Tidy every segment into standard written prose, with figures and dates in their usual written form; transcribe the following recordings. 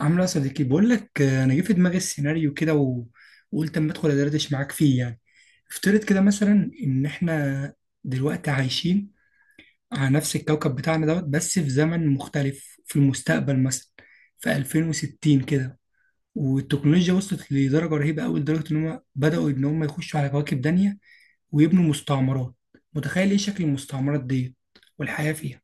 عامله يا صديقي بقول لك انا جه في دماغي السيناريو كده و- وقلت اما ادخل ادردش معاك فيه يعني. افترض كده مثلا ان احنا دلوقتي عايشين على نفس الكوكب بتاعنا دوت، بس في زمن مختلف في المستقبل، مثلا في 2060 كده، والتكنولوجيا وصلت لدرجه رهيبه قوي، لدرجه ان هم بداوا ان هم يخشوا على كواكب تانية ويبنوا مستعمرات. متخيل ايه شكل المستعمرات ديت والحياه فيها؟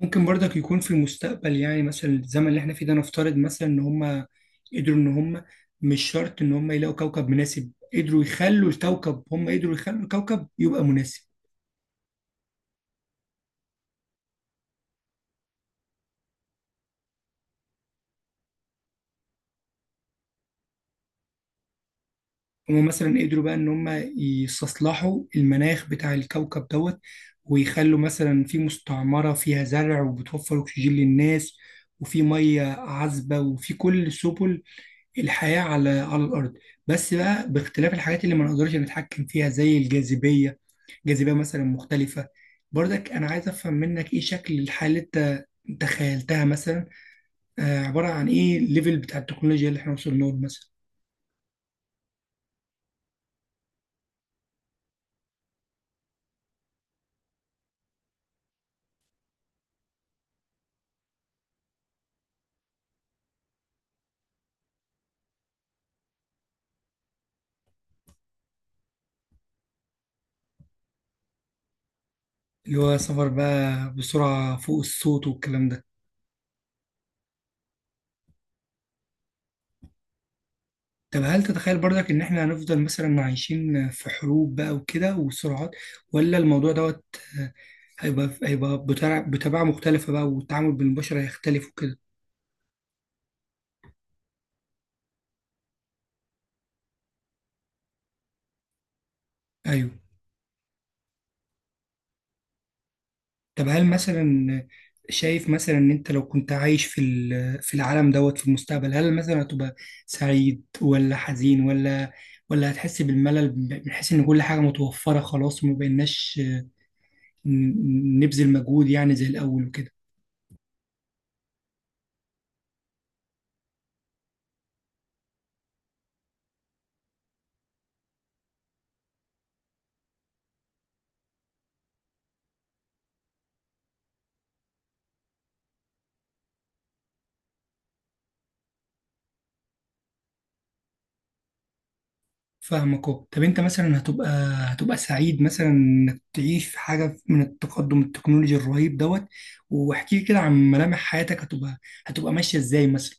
ممكن برضك يكون في المستقبل، يعني مثلا الزمن اللي احنا فيه ده، نفترض مثلا ان هم قدروا ان هم، مش شرط ان هم يلاقوا كوكب مناسب، قدروا يخلوا الكوكب، هم قدروا يخلوا الكوكب يبقى مناسب. هم مثلا قدروا بقى ان هم يستصلحوا المناخ بتاع الكوكب دوت، ويخلوا مثلا في مستعمرة فيها زرع وبتوفر اكسجين للناس، وفي مية عذبة وفي كل سبل الحياة على الأرض، بس بقى باختلاف الحاجات اللي ما نقدرش نتحكم فيها زي الجاذبية. جاذبية مثلا مختلفة. برضك أنا عايز أفهم منك إيه شكل الحالة اللي أنت خيلتها مثلا، عبارة عن إيه الليفل بتاع التكنولوجيا اللي إحنا وصلنا له مثلا، اللي هو سفر بقى بسرعة فوق الصوت والكلام ده. طب هل تتخيل برضك إن إحنا هنفضل مثلا عايشين في حروب بقى وكده وسرعات، ولا الموضوع دوت آه، هيبقى بطباع مختلفة بقى، والتعامل بالبشر هيختلف وكده؟ أيوه. طب هل مثلا شايف مثلا ان انت لو كنت عايش في في العالم دوت في المستقبل، هل مثلا هتبقى سعيد ولا حزين، ولا ولا هتحس بالملل، من حيث ان كل حاجة متوفرة خلاص وما بقيناش نبذل مجهود يعني زي الاول وكده؟ فاهمك اهو. طب انت مثلا هتبقى سعيد مثلا انك تعيش في حاجة من التقدم التكنولوجي الرهيب دوت؟ واحكي لي كده عن ملامح حياتك، هتبقى ماشية ازاي مثلا؟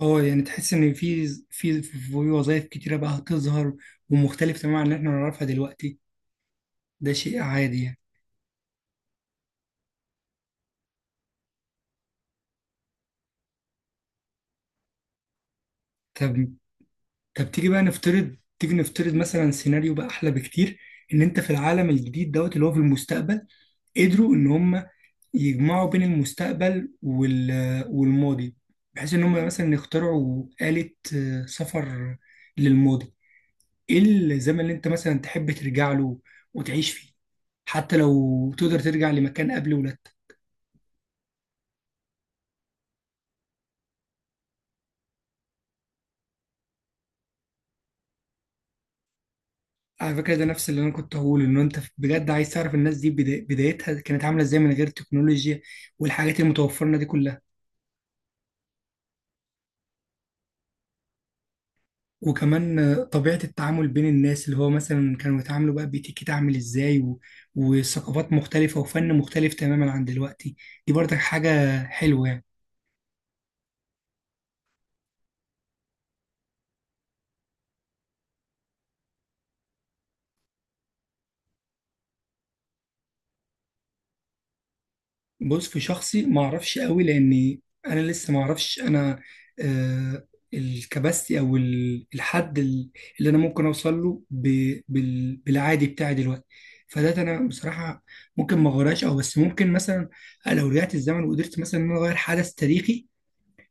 اه، يعني تحس ان في وظائف كتيره بقى هتظهر، ومختلف تماما عن اللي احنا نعرفها دلوقتي؟ ده شيء عادي يعني. طب طب تيجي بقى نفترض، تيجي نفترض مثلا سيناريو بقى احلى بكتير، ان انت في العالم الجديد دوت اللي هو في المستقبل، قدروا ان هم يجمعوا بين المستقبل والماضي، بحيث ان هم مثلا يخترعوا آلة سفر للماضي. ايه الزمن اللي انت مثلا تحب ترجع له وتعيش فيه، حتى لو تقدر ترجع لمكان قبل ولادتك؟ على فكرة ده نفس اللي أنا كنت هقوله، إن أنت بجد عايز تعرف الناس دي بدايتها كانت عاملة إزاي من غير تكنولوجيا والحاجات المتوفرة لنا دي كلها، وكمان طبيعة التعامل بين الناس، اللي هو مثلا كانوا يتعاملوا بقى بيتيكيت عامل إزاي، و... وثقافات مختلفة وفن مختلف تماما عن دلوقتي. دي برضك حاجة حلوة يعني. بص في شخصي ما اعرفش قوي، لان انا لسه ما اعرفش انا آه الكباستي او الحد اللي انا ممكن اوصل له بالعادي بتاعي دلوقتي. فده انا بصراحه ممكن ما اغيرهاش او، بس ممكن مثلا لو رجعت الزمن وقدرت مثلا ان انا اغير حدث تاريخي،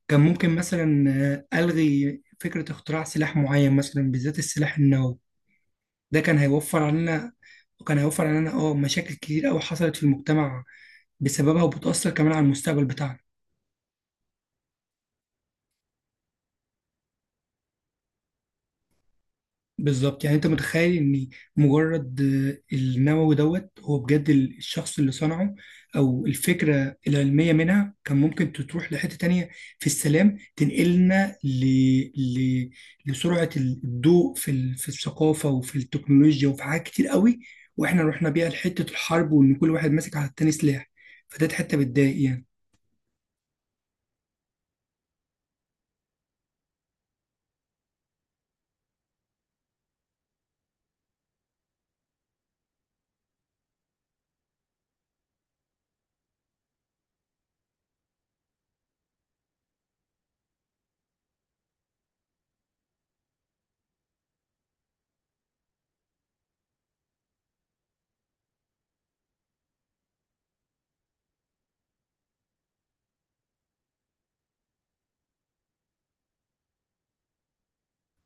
كان ممكن مثلا الغي فكره اختراع سلاح معين، مثلا بالذات السلاح النووي. ده كان هيوفر علينا، وكان هيوفر علينا اه مشاكل كتير قوي حصلت في المجتمع بسببها، وبتأثر كمان على المستقبل بتاعنا. بالظبط، يعني انت متخيل ان مجرد النووي دوت، هو بجد الشخص اللي صنعه او الفكرة العلمية منها، كان ممكن تروح لحتة تانية في السلام، تنقلنا ل... لسرعة الضوء في في الثقافة وفي التكنولوجيا وفي حاجات كتير قوي، واحنا رحنا بيها لحتة الحرب، وان كل واحد ماسك على التاني سلاح. فده حتة بتضايق يعني.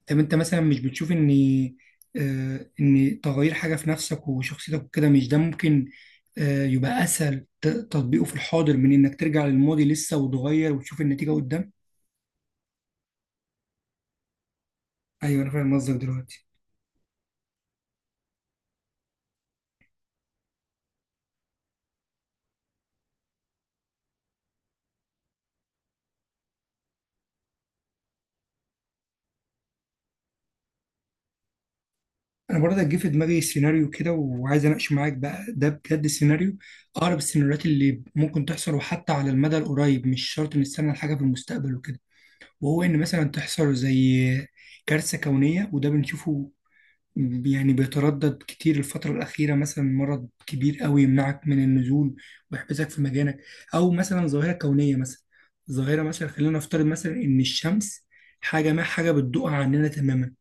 طب انت مثلا مش بتشوف ان ان تغيير حاجه في نفسك وشخصيتك وكده، مش ده ممكن يبقى اسهل تطبيقه في الحاضر، من انك ترجع للماضي لسه وتغير وتشوف النتيجه قدام؟ ايوه، انا فاهم قصدك دلوقتي. انا برضه جه في دماغي سيناريو كده وعايز اناقش معاك بقى، ده بجد سيناريو اقرب السيناريوهات اللي ممكن تحصل، وحتى على المدى القريب، مش شرط نستنى الحاجه في المستقبل وكده. وهو ان مثلا تحصل زي كارثه كونيه، وده بنشوفه يعني، بيتردد كتير الفترة الأخيرة، مثلا مرض كبير قوي يمنعك من النزول ويحبسك في مكانك، أو مثلا ظاهرة كونية، مثلا ظاهرة مثلا، خلينا نفترض مثلا إن الشمس حاجة ما حاجة بتدوقها عننا تماما،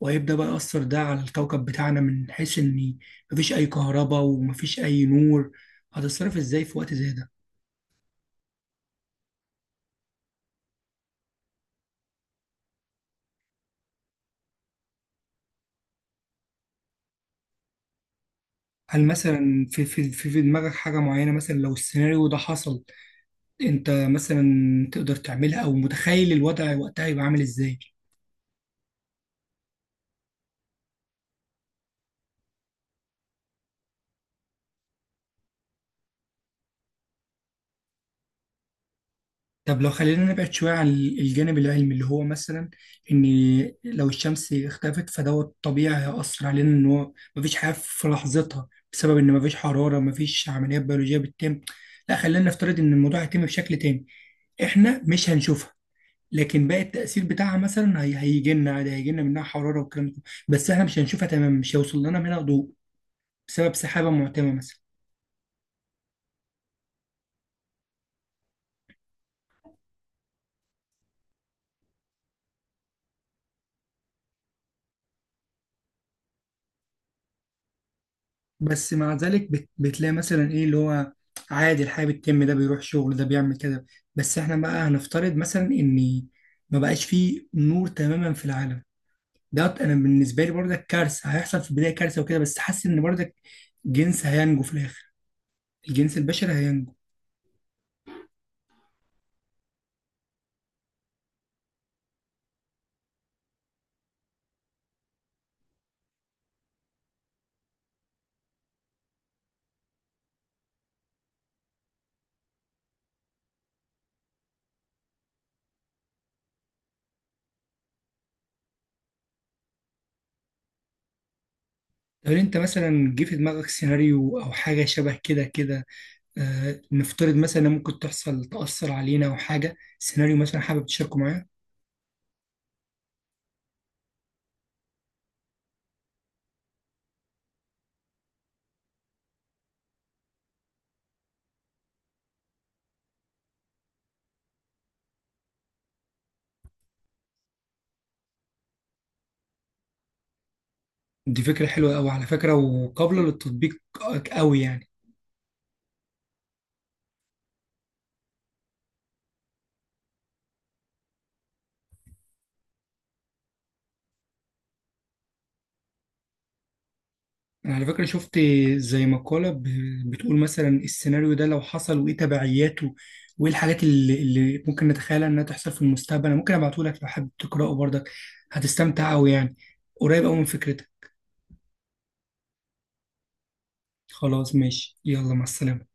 وهيبدأ بقى يأثر ده على الكوكب بتاعنا، من حيث إن مفيش أي كهرباء ومفيش أي نور. هتتصرف إزاي في وقت زي ده؟ هل مثلا في دماغك حاجة معينة مثلا لو السيناريو ده حصل، أنت مثلا تقدر تعملها، أو متخيل الوضع وقتها يبقى عامل إزاي؟ طب لو خلينا نبعد شوية عن الجانب العلمي، اللي هو مثلا إن لو الشمس اختفت فدوت طبيعي هيأثر علينا إن هو مفيش حياة في لحظتها، بسبب إن مفيش حرارة، مفيش عمليات بيولوجية بتتم. لا، خلينا نفترض إن الموضوع هيتم بشكل تاني، إحنا مش هنشوفها، لكن باقي التأثير بتاعها مثلا هيجي لنا عادي، هيجي لنا منها حرارة والكلام ده، بس إحنا مش هنشوفها تماما، مش هيوصل لنا منها ضوء، بسبب سحابة معتمة مثلا. بس مع ذلك بتلاقي مثلا ايه، اللي هو عادي الحياة بتتم، ده بيروح شغل، ده بيعمل كده. بس احنا بقى هنفترض مثلا ان ما بقاش فيه نور تماما في العالم. ده انا بالنسبة لي برضك كارثة، هيحصل في البداية كارثة وكده، بس حاسس ان برضك جنس هينجو في الاخر، الجنس البشري هينجو. هل انت مثلا جه في دماغك سيناريو او حاجة شبه كده كده، آه نفترض مثلا إن ممكن تحصل تأثر علينا او حاجة، سيناريو مثلا حابب تشاركه معايا؟ دي فكرة حلوة أوي على فكرة، وقابلة للتطبيق أوي يعني. أنا على فكرة شفت زي مقالة بتقول مثلا السيناريو ده لو حصل وإيه تبعياته، وإيه الحاجات اللي ممكن نتخيلها إنها تحصل في المستقبل. أنا ممكن أبعتهولك لو حابب تقرأه برضك، هتستمتع أوي يعني، قريب أوي من فكرتك. خلاص ماشي، يلا مع السلامة.